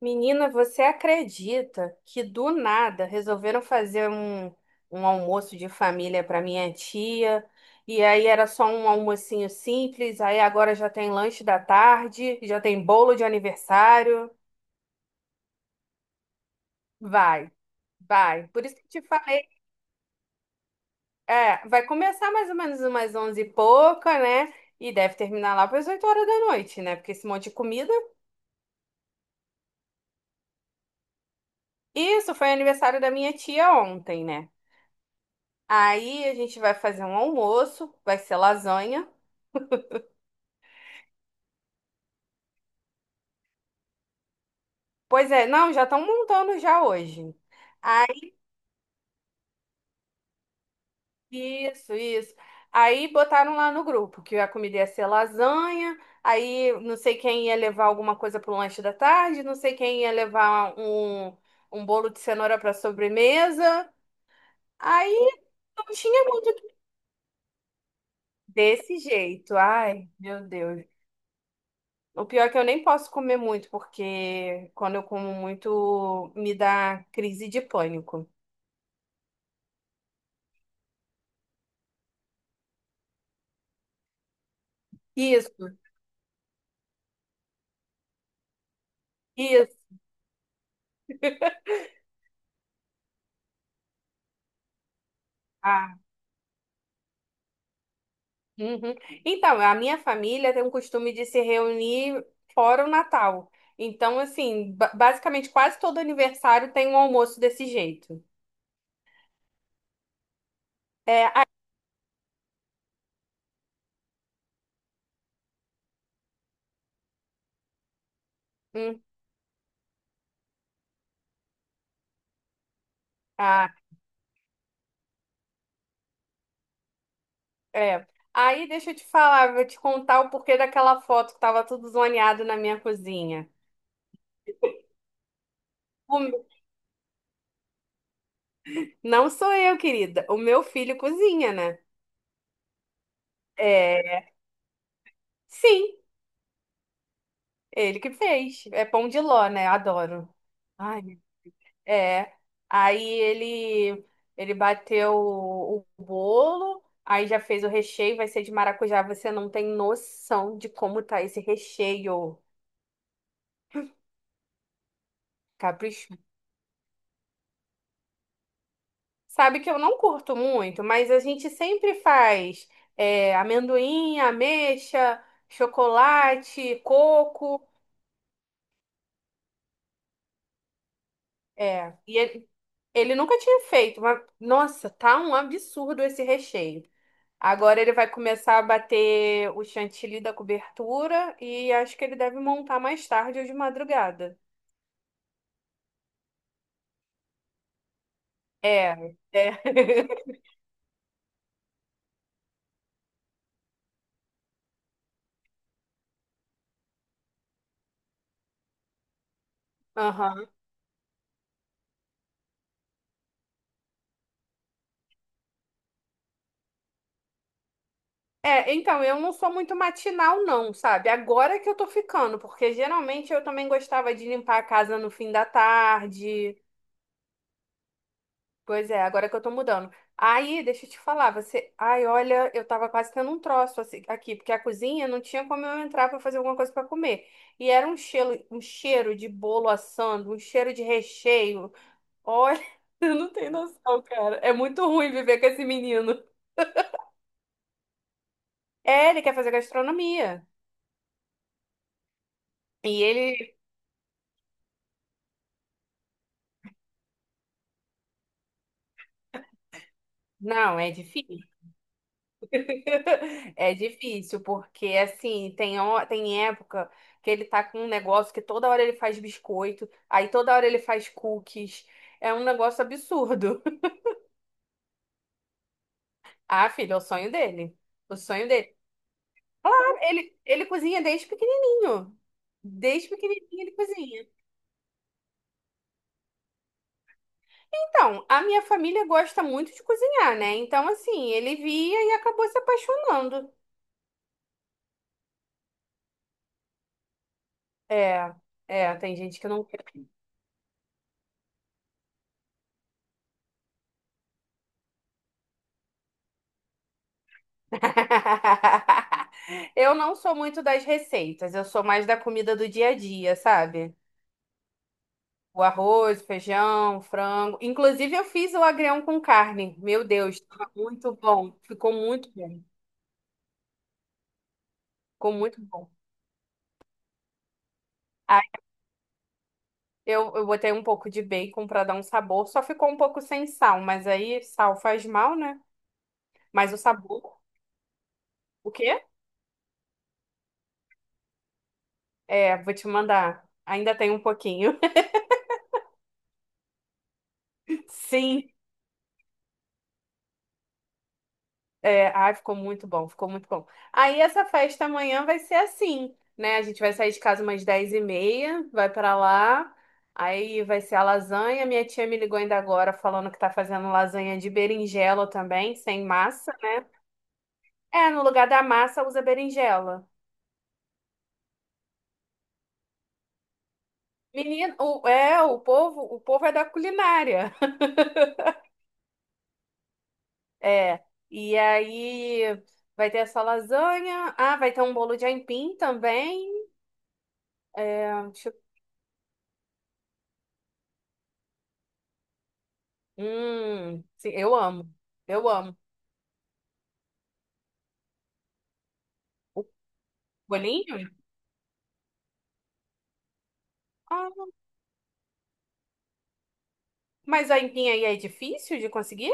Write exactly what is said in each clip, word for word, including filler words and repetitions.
Menina, você acredita que do nada resolveram fazer um, um almoço de família para minha tia? E aí era só um almocinho simples, aí agora já tem lanche da tarde, já tem bolo de aniversário. Vai, vai. Por isso que eu te falei, é, vai começar mais ou menos umas onze e pouca, né? E deve terminar lá para as oito horas da noite, né? Porque esse monte de comida. Isso foi aniversário da minha tia ontem, né? Aí a gente vai fazer um almoço, vai ser lasanha. Pois é, não, já estão montando já hoje. Aí, isso, isso. Aí botaram lá no grupo que a comida ia ser lasanha. Aí não sei quem ia levar alguma coisa para o lanche da tarde, não sei quem ia levar um, um bolo de cenoura para sobremesa. Aí não tinha muito o que- desse jeito. Ai, meu Deus. O pior é que eu nem posso comer muito, porque quando eu como muito, me dá crise de pânico. Isso, isso. Ah, uhum. Então, a minha família tem um costume de se reunir fora o Natal. Então, assim, ba- basicamente quase todo aniversário tem um almoço desse jeito. É, hum, ah, é. Aí deixa eu te falar, vou te contar o porquê daquela foto que tava tudo zoneado na minha cozinha. O meu- Não sou eu, querida. O meu filho cozinha, né? É, sim, ele que fez. É pão de ló, né? Adoro. Ai, é. Aí ele ele bateu o o bolo, aí já fez o recheio, vai ser de maracujá. Você não tem noção de como tá esse recheio. Capricho. Sabe que eu não curto muito, mas a gente sempre faz é, amendoim, ameixa, chocolate, coco. É, e ele, ele nunca tinha feito, mas nossa, tá um absurdo esse recheio. Agora ele vai começar a bater o chantilly da cobertura e acho que ele deve montar mais tarde ou de madrugada. É, é. Aham. É, então, eu não sou muito matinal, não, sabe? Agora que eu tô ficando, porque geralmente eu também gostava de limpar a casa no fim da tarde. Pois é, agora que eu tô mudando. Aí, deixa eu te falar, você. Ai, olha, eu tava quase tendo um troço assim- aqui, porque a cozinha não tinha como eu entrar pra fazer alguma coisa pra comer. E era um cheiro, um cheiro de bolo assando, um cheiro de recheio. Olha, eu não tenho noção, cara. É muito ruim viver com esse menino. É, ele quer fazer gastronomia. E ele. Não, é difícil. É difícil, porque assim, tem, ho- tem época que ele tá com um negócio que toda hora ele faz biscoito, aí toda hora ele faz cookies. É um negócio absurdo. Ah, filho, é o sonho dele. O sonho dele. Claro, ele, ele cozinha desde pequenininho. Desde pequenininho ele cozinha. Então, a minha família gosta muito de cozinhar, né? Então, assim, ele via e acabou se apaixonando. É, é, tem gente que não. Eu não sou muito das receitas, eu sou mais da comida do dia a dia, sabe? O arroz, feijão, frango. Inclusive, eu fiz o agrião com carne. Meu Deus, tava muito bom. Ficou muito bom. Ficou muito bom. Aí eu, eu botei um pouco de bacon para dar um sabor, só ficou um pouco sem sal, mas aí sal faz mal, né? Mas o sabor, o quê? É, vou te mandar. Ainda tem um pouquinho. Sim. É, ai, ficou muito bom, ficou muito bom. Aí essa festa amanhã vai ser assim, né? A gente vai sair de casa umas dez e meia, vai pra lá, aí vai ser a lasanha. Minha tia me ligou ainda agora falando que tá fazendo lasanha de berinjela também, sem massa, né? É, no lugar da massa usa berinjela. Menino, o- é, o povo, o povo é da culinária. É, e aí vai ter essa lasanha, ah, vai ter um bolo de aipim também. É, deixa hum, sim, eu amo. Eu amo. O bolinho? Ah, mas a aipim aí é difícil de conseguir?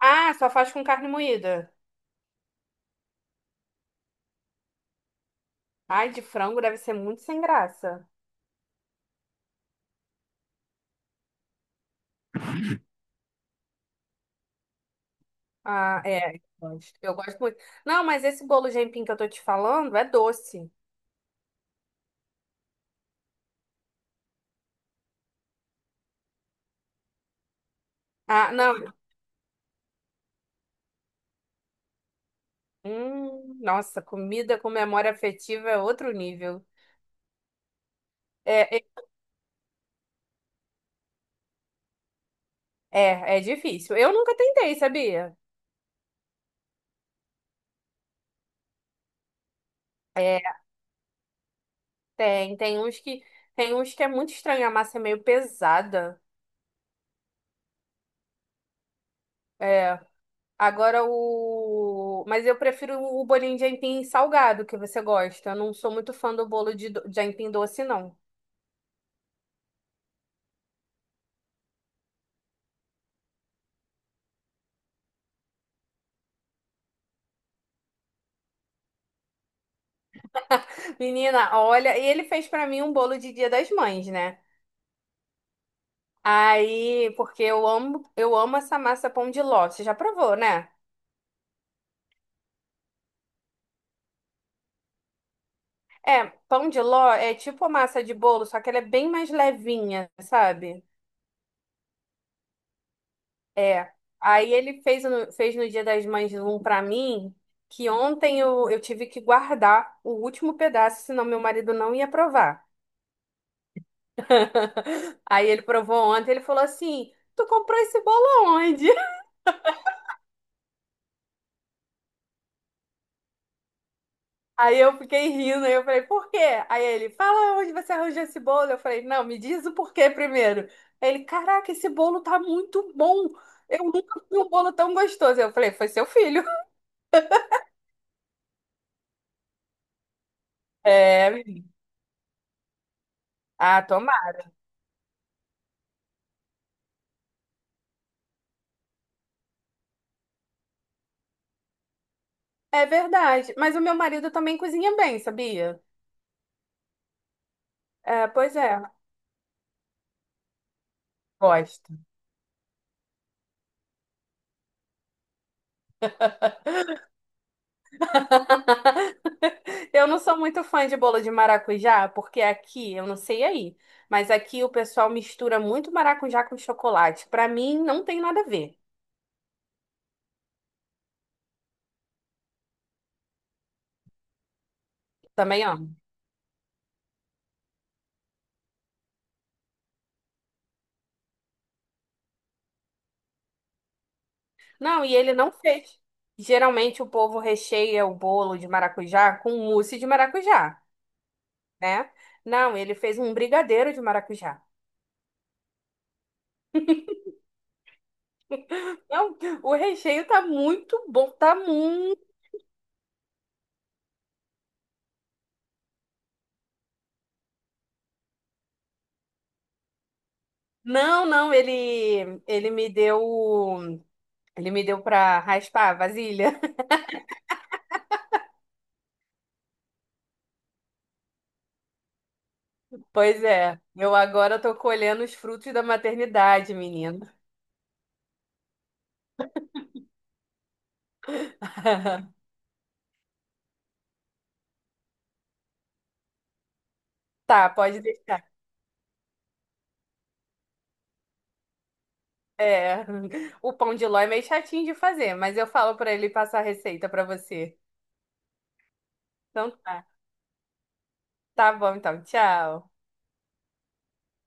Ah, só faz com carne moída. Ai, de frango deve ser muito sem graça. Ah, é. Eu gosto Eu gosto muito. Não, mas esse bolo de aipim que eu tô te falando é doce. Ah, não. Hum, nossa, comida com memória afetiva é outro nível. É, é, é é difícil. Eu nunca tentei, sabia? É, tem, tem uns que, tem uns que é muito estranho, a massa é meio pesada. É, Agora o. Mas eu prefiro o bolinho de aipim salgado que você gosta. Eu não sou muito fã do bolo de, do- de aipim doce, não. Menina, olha, e ele fez pra mim um bolo de Dia das Mães, né? Aí, porque eu amo, eu amo essa massa pão de ló. Você já provou, né? É, pão de ló é tipo a massa de bolo, só que ela é bem mais levinha, sabe? É. Aí ele fez no, fez no Dia das Mães um pra mim, que ontem eu, eu tive que guardar o último pedaço, senão meu marido não ia provar. Aí ele provou ontem, ele falou assim: Tu comprou esse bolo aonde? Aí eu fiquei rindo, aí eu falei: Por quê? Aí ele: Fala onde você arranjou esse bolo? Eu falei: Não, me diz o porquê primeiro. Ele: Caraca, esse bolo tá muito bom. Eu nunca vi um bolo tão gostoso. Eu falei: Foi seu filho. É, menino, ah, tomara. É verdade. Mas o meu marido também cozinha bem, sabia? É, pois é. Gosto. Eu não sou muito fã de bolo de maracujá, porque aqui, eu não sei aí, mas aqui o pessoal mistura muito maracujá com chocolate. Pra mim, não tem nada a ver. Também amo. Não, e ele não fez. Geralmente o povo recheia o bolo de maracujá com mousse de maracujá, né? Não, ele fez um brigadeiro de maracujá. Não, o recheio tá muito bom, tá não, não, ele ele me deu ele me deu para raspar a vasilha. Pois é, eu agora tô colhendo os frutos da maternidade, menino. Tá, pode deixar. É, o pão de ló é meio chatinho de fazer, mas eu falo pra ele passar a receita pra você. Então tá. Tá bom, então, tchau.